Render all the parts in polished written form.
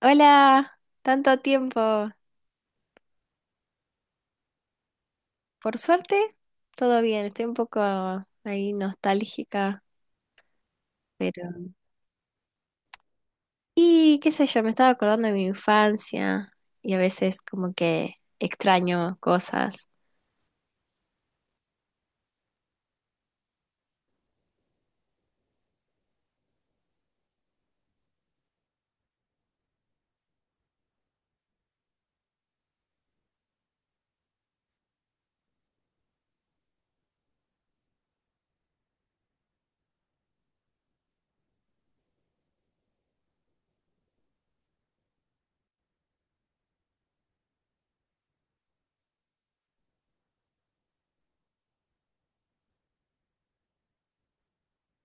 Hola, tanto tiempo. Por suerte, todo bien. Estoy un poco ahí nostálgica, pero... Y qué sé yo, me estaba acordando de mi infancia y a veces como que extraño cosas.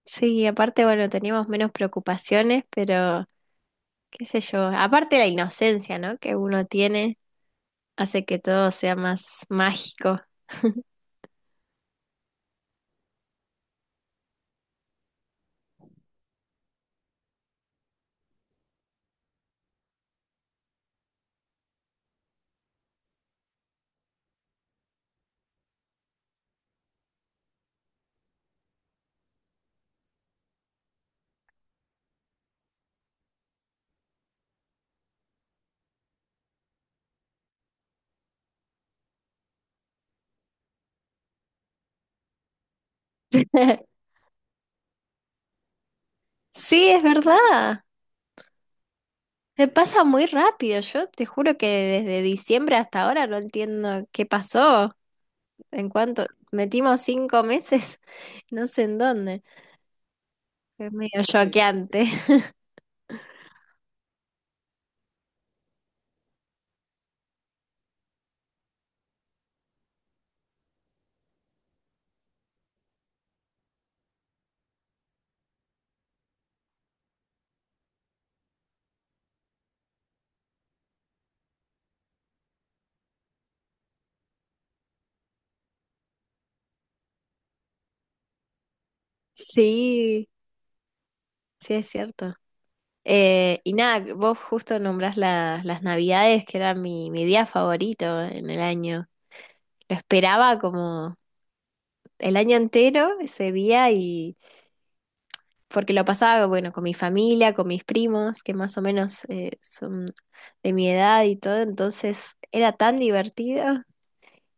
Sí, aparte, bueno, teníamos menos preocupaciones, pero qué sé yo. Aparte la inocencia, ¿no? Que uno tiene hace que todo sea más mágico. Sí, es verdad. Se pasa muy rápido, yo te juro que desde diciembre hasta ahora no entiendo qué pasó, en cuanto metimos 5 meses, no sé en dónde, es medio choqueante. Sí, sí es cierto. Y nada, vos justo nombrás las Navidades, que era mi día favorito en el año. Lo esperaba como el año entero ese día porque lo pasaba, bueno, con mi familia, con mis primos, que más o menos son de mi edad y todo, entonces era tan divertido.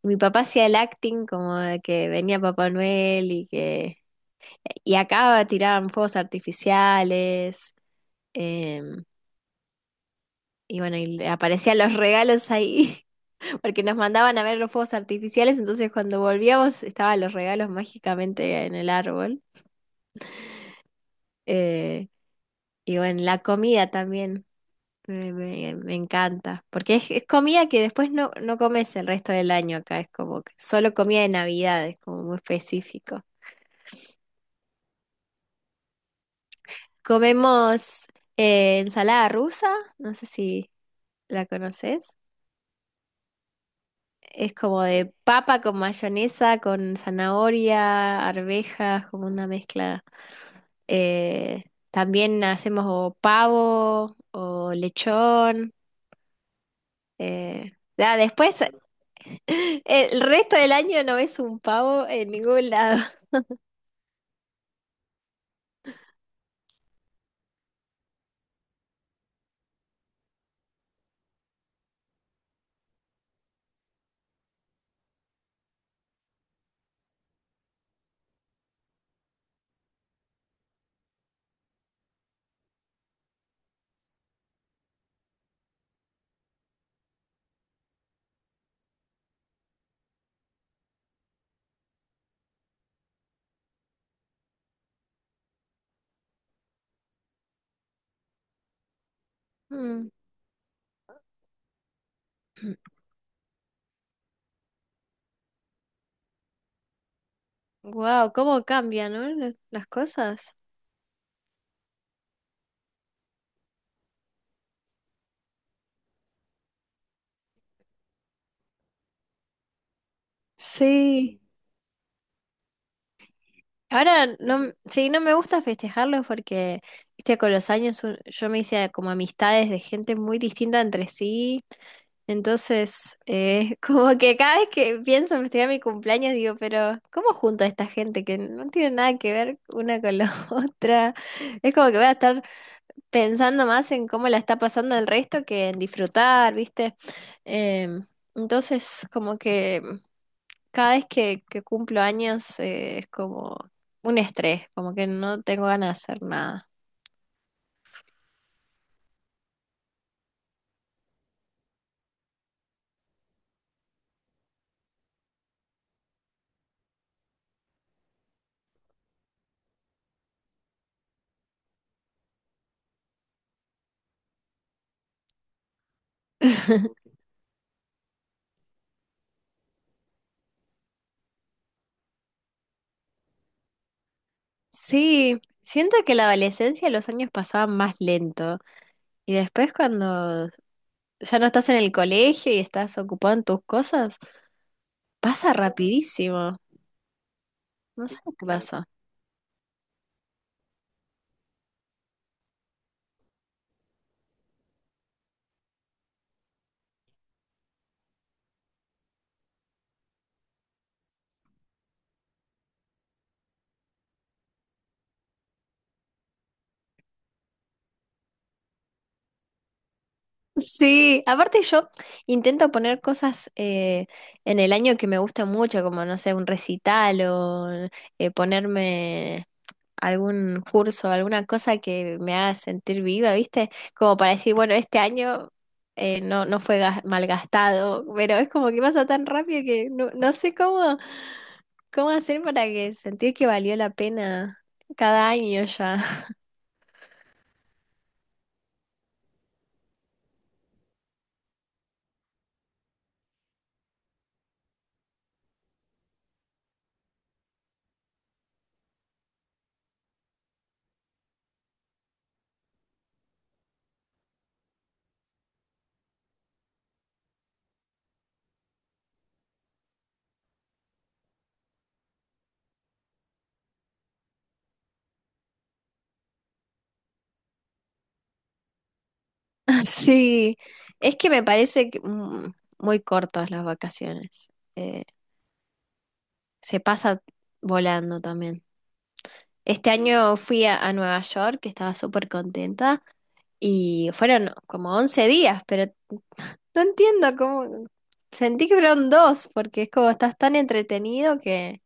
Mi papá hacía el acting como de que venía Papá Noel y que... Y acá tiraban fuegos artificiales, em, y bueno, y aparecían los regalos ahí, porque nos mandaban a ver los fuegos artificiales, entonces cuando volvíamos estaban los regalos mágicamente en el árbol. eh, y bueno, la comida también. Me encanta, porque es comida que después no comes el resto del año acá, es como que solo comida de Navidad, es como muy específico. Comemos ensalada rusa, no sé si la conoces, es como de papa con mayonesa, con zanahoria, arvejas, como una mezcla. Eh, también hacemos o pavo o lechón. eh, Ah, después el resto del año no ves un pavo en ningún lado. Wow, cómo cambian, ¿no? Las cosas. Sí. Ahora no, sí, no me gusta festejarlos porque, viste, con los años yo me hice como amistades de gente muy distinta entre sí. Entonces, como que cada vez que pienso en festejar mi cumpleaños, digo, pero ¿cómo junto a esta gente que no tiene nada que ver una con la otra? Es como que voy a estar pensando más en cómo la está pasando el resto que en disfrutar, ¿viste? Em, entonces, como que cada vez que cumplo años es como un estrés, como que no tengo ganas de hacer nada. Sí, siento que la adolescencia los años pasaban más lento y después cuando ya no estás en el colegio y estás ocupado en tus cosas, pasa rapidísimo. No sé qué pasó. Sí, aparte yo intento poner cosas en el año que me gustan mucho, como no sé, un recital o ponerme algún curso, alguna cosa que me haga sentir viva, ¿viste? Como para decir, bueno, este año no fue malgastado, pero es como que pasa tan rápido que no sé cómo, cómo hacer para que sentir que valió la pena cada año ya. Sí, es que me parece que, mm, muy cortas las vacaciones. Eh, se pasa volando también. Este año fui a Nueva York, que estaba súper contenta, y fueron como 11 días, pero no entiendo cómo... Sentí que fueron dos, porque es como estás tan entretenido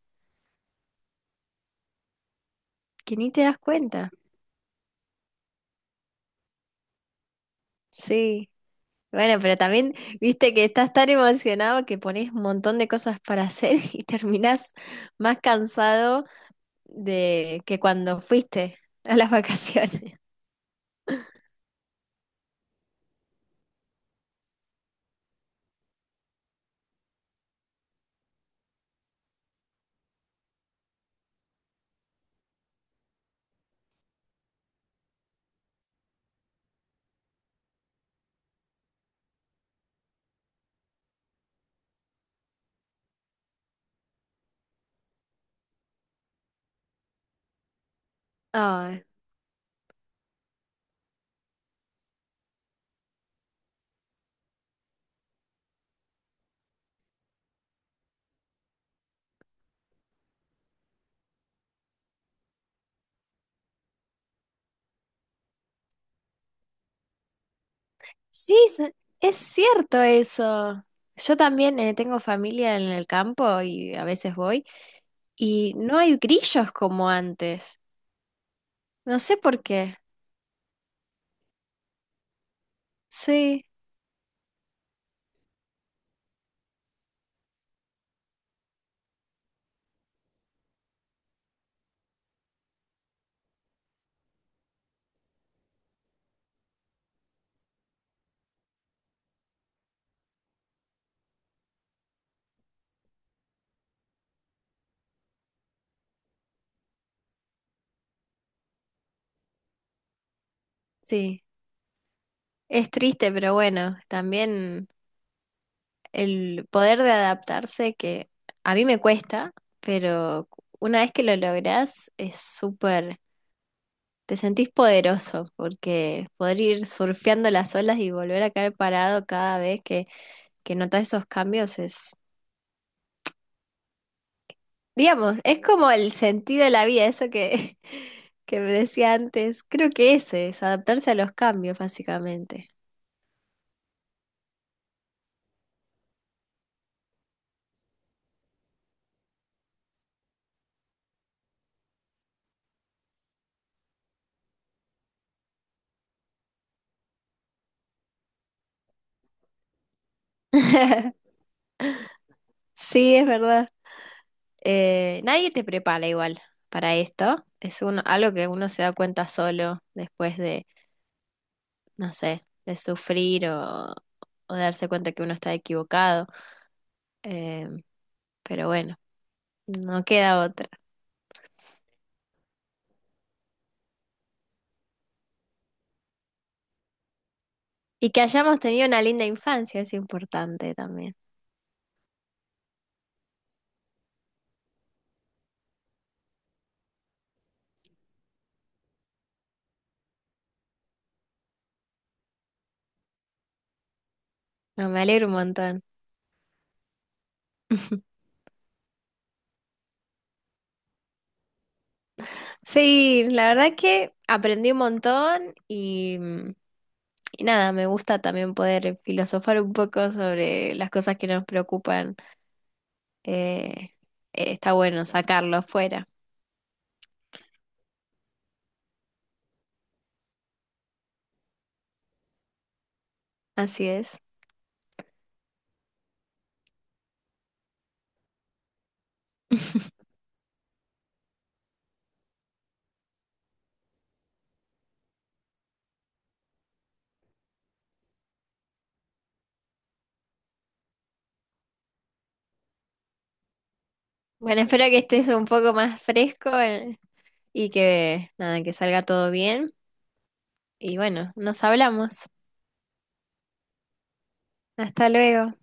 que ni te das cuenta. Sí, bueno, pero también viste que estás tan emocionado que pones un montón de cosas para hacer y terminás más cansado de que cuando fuiste a las vacaciones. Ay, sí, es cierto eso. Yo también tengo familia en el campo y a veces voy y no hay grillos como antes. No sé por qué. Sí, sí. Es triste, pero bueno, también el poder de adaptarse que a mí me cuesta, pero una vez que lo lográs es súper Te sentís poderoso porque poder ir surfeando las olas y volver a caer parado cada vez que notas esos cambios es, digamos, es como el sentido de la vida, eso que, que me decía antes. Creo que ese es adaptarse a los cambios, básicamente. Sí, es verdad. Nadie te prepara igual para esto. Es algo que uno se da cuenta solo después de, no sé, de sufrir o darse cuenta que uno está equivocado. Eh, pero bueno, no queda otra. Y que hayamos tenido una linda infancia es importante también. No, me alegro un montón. Sí, la verdad que aprendí un montón y nada, me gusta también poder filosofar un poco sobre las cosas que nos preocupan. Eh, está bueno sacarlo afuera. Así es. Bueno, espero que estés un poco más fresco y que nada, que salga todo bien. Y bueno, nos hablamos. Hasta luego.